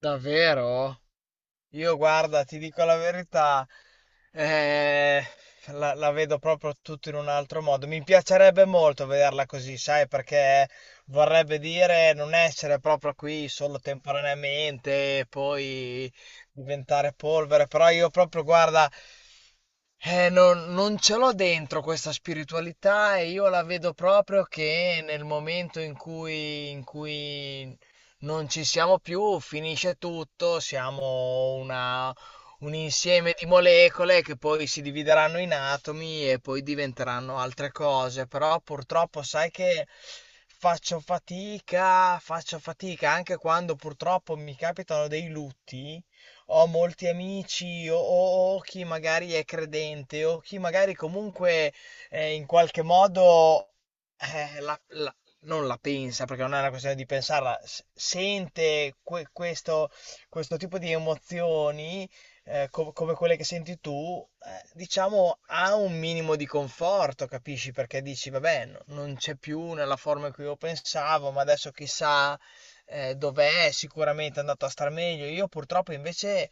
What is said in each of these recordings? Davvero? Io guarda, ti dico la verità, eh, la vedo proprio tutto in un altro modo. Mi piacerebbe molto vederla così, sai, perché vorrebbe dire non essere proprio qui solo temporaneamente e poi diventare polvere. Però io proprio, guarda, non ce l'ho dentro questa spiritualità e io la vedo proprio che nel momento in cui non ci siamo più, finisce tutto, siamo un insieme di molecole che poi si divideranno in atomi e poi diventeranno altre cose, però purtroppo sai che faccio fatica anche quando purtroppo mi capitano dei lutti. Ho molti amici o chi magari è credente o chi magari comunque in qualche modo eh, la, non la pensa, perché non è una questione di pensarla, sente questo tipo di emozioni, come quelle che senti tu, diciamo ha un minimo di conforto, capisci? Perché dici, vabbè, non c'è più nella forma in cui io pensavo, ma adesso chissà, dov'è, sicuramente è andato a star meglio. Io purtroppo invece.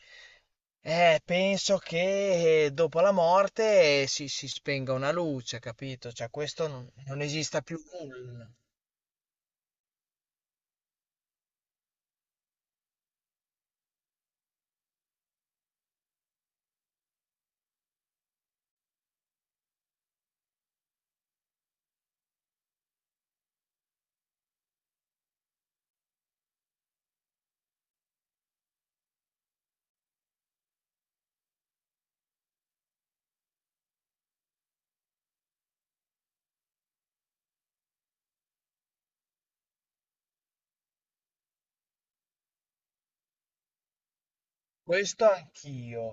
Penso che dopo la morte si spenga una luce, capito? Cioè, questo non esista più nulla. Questo anch'io.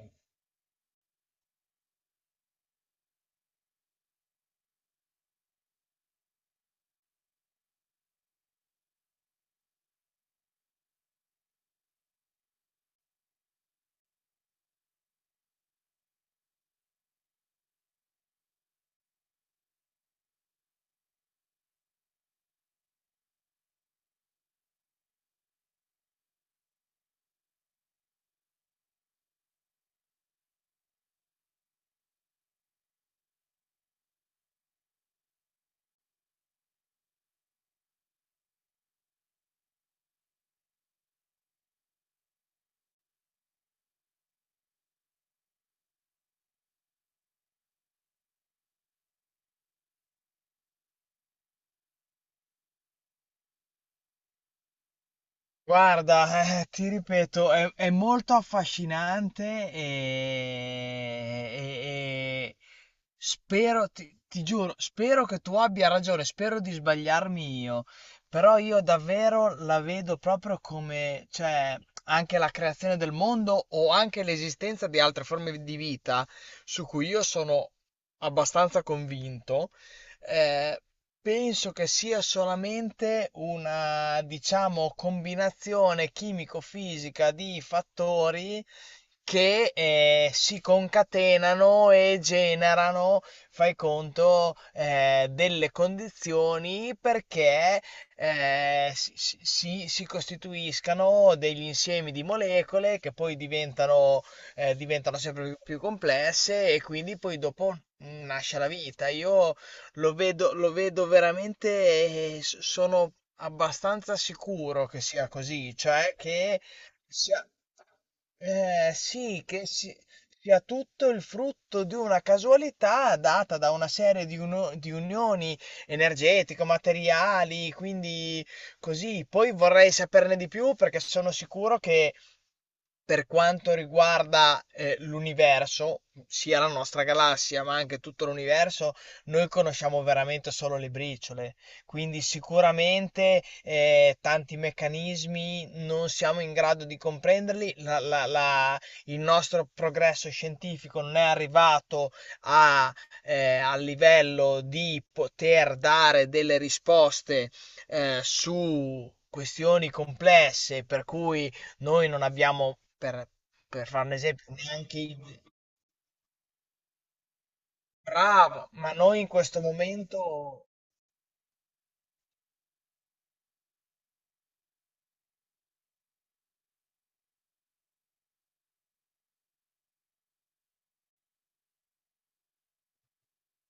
Guarda, ti ripeto, è molto affascinante e spero, ti giuro, spero che tu abbia ragione, spero di sbagliarmi io, però io davvero la vedo proprio come, cioè, anche la creazione del mondo o anche l'esistenza di altre forme di vita su cui io sono abbastanza convinto. Ehm, penso che sia solamente una, diciamo, combinazione chimico-fisica di fattori che si concatenano e generano, fai conto, delle condizioni perché si costituiscano degli insiemi di molecole che poi diventano sempre più complesse e quindi poi dopo nasce la vita. Io lo vedo veramente e sono abbastanza sicuro che sia così, cioè che sia, sì, che sia tutto il frutto di una casualità data da una serie di unioni energetiche, materiali, quindi così. Poi vorrei saperne di più perché sono sicuro che per quanto riguarda l'universo, sia la nostra galassia, ma anche tutto l'universo, noi conosciamo veramente solo le briciole. Quindi sicuramente tanti meccanismi non siamo in grado di comprenderli. Il nostro progresso scientifico non è arrivato a, al livello di poter dare delle risposte su questioni complesse, per cui noi non abbiamo, per fare un esempio, neanche il. Bravo, ma noi in questo momento,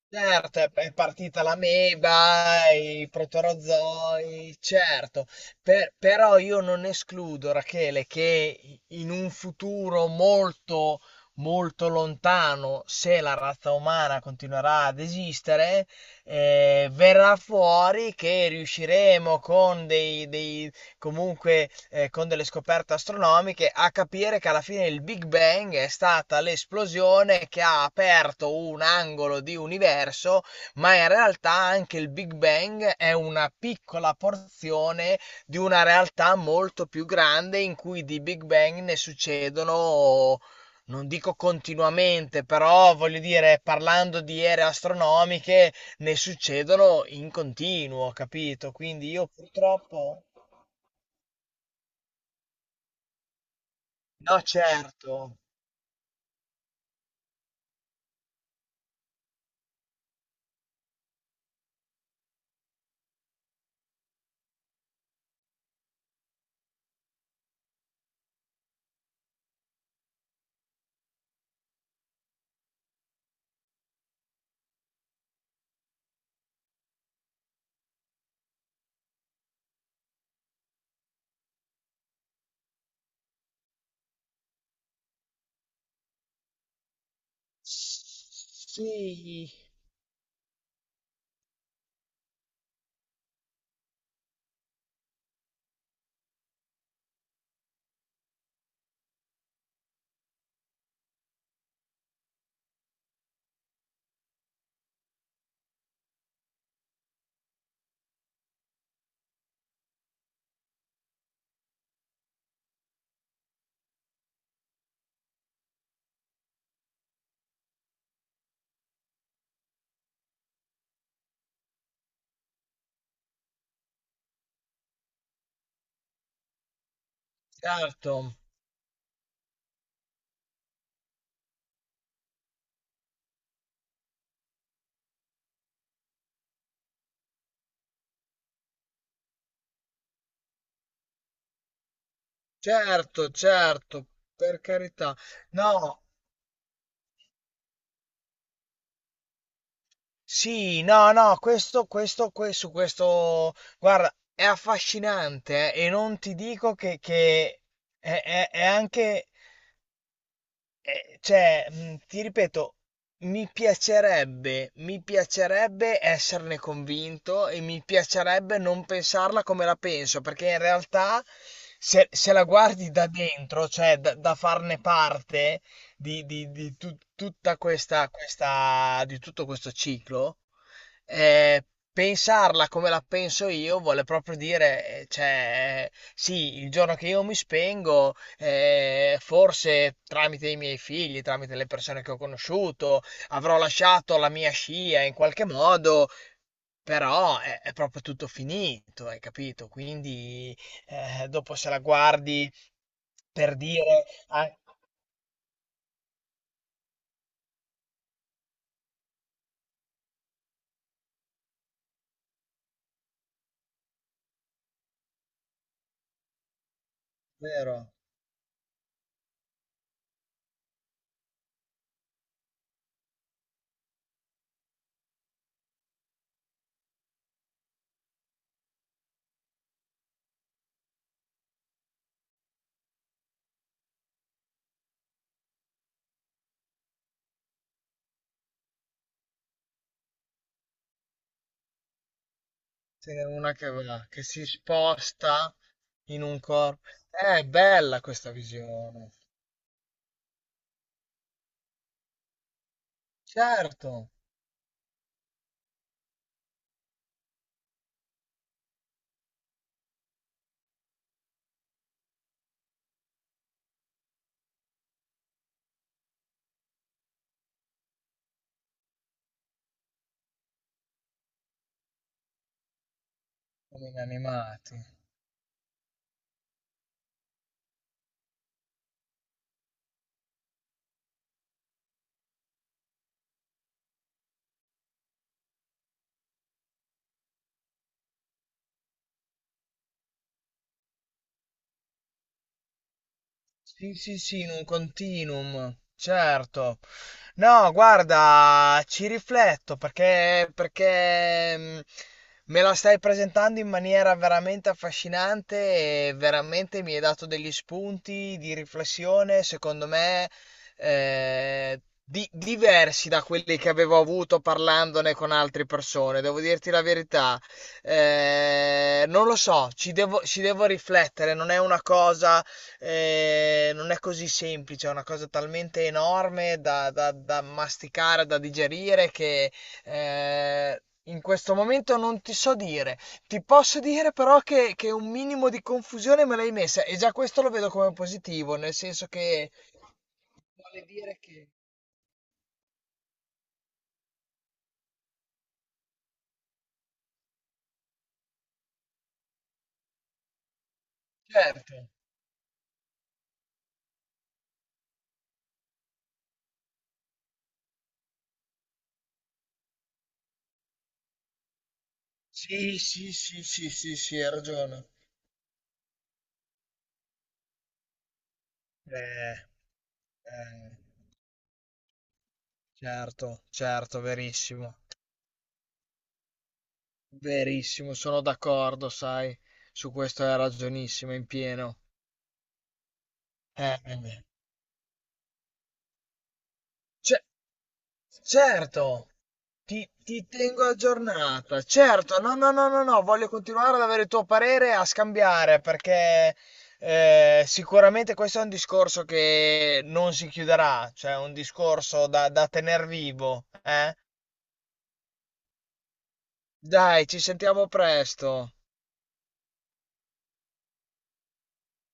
certo, è partita l'ameba, i protorozoi, certo, però io non escludo, Rachele, che in un futuro molto, molto lontano, se la razza umana continuerà ad esistere, verrà fuori che riusciremo con dei, dei comunque con delle scoperte astronomiche, a capire che alla fine il Big Bang è stata l'esplosione che ha aperto un angolo di universo, ma in realtà anche il Big Bang è una piccola porzione di una realtà molto più grande in cui di Big Bang ne succedono non dico continuamente, però voglio dire, parlando di ere astronomiche, ne succedono in continuo, capito? Quindi io purtroppo. No, certo. Sì, certo, certo, certo, per carità. No, sì, no, no, questo, questo, guarda, è affascinante, e non ti dico che è anche. Cioè, ti ripeto, mi piacerebbe esserne convinto e mi piacerebbe non pensarla come la penso, perché in realtà se la guardi da dentro, cioè da farne parte di tu tutta questa questa di tutto questo ciclo, eh, pensarla come la penso io vuole proprio dire, cioè, sì, il giorno che io mi spengo, forse tramite i miei figli, tramite le persone che ho conosciuto, avrò lasciato la mia scia in qualche modo. Però è proprio tutto finito, hai capito? Quindi dopo se la guardi per dire. Ah, vero. Ce n'è una che va, che si sposta in un corpo. È bella questa visione. Certo, come gli animati. Sì, sì, sì, in un continuum, certo. No, guarda, ci rifletto perché me la stai presentando in maniera veramente affascinante e veramente mi hai dato degli spunti di riflessione, secondo me, eh, diversi da quelli che avevo avuto parlandone con altre persone, devo dirti la verità. Non lo so, ci devo riflettere, non è una cosa non è così semplice, è una cosa talmente enorme da masticare, da digerire, che in questo momento non ti so dire. Ti posso dire però che un minimo di confusione me l'hai messa e già questo lo vedo come positivo, nel senso che vuole dire che. Certo, sì, sì, sì, sì, sì, sì, hai ragione. Eh, eh, certo, certo, verissimo. Verissimo, sono d'accordo, sai, su questo hai ragionissimo in pieno. Eh, eh, ce- certo, ti tengo aggiornata, certo, no, no, no, no, no, voglio continuare ad avere il tuo parere e a scambiare perché sicuramente questo è un discorso che non si chiuderà, cioè è un discorso da tener vivo, eh? Dai, ci sentiamo presto.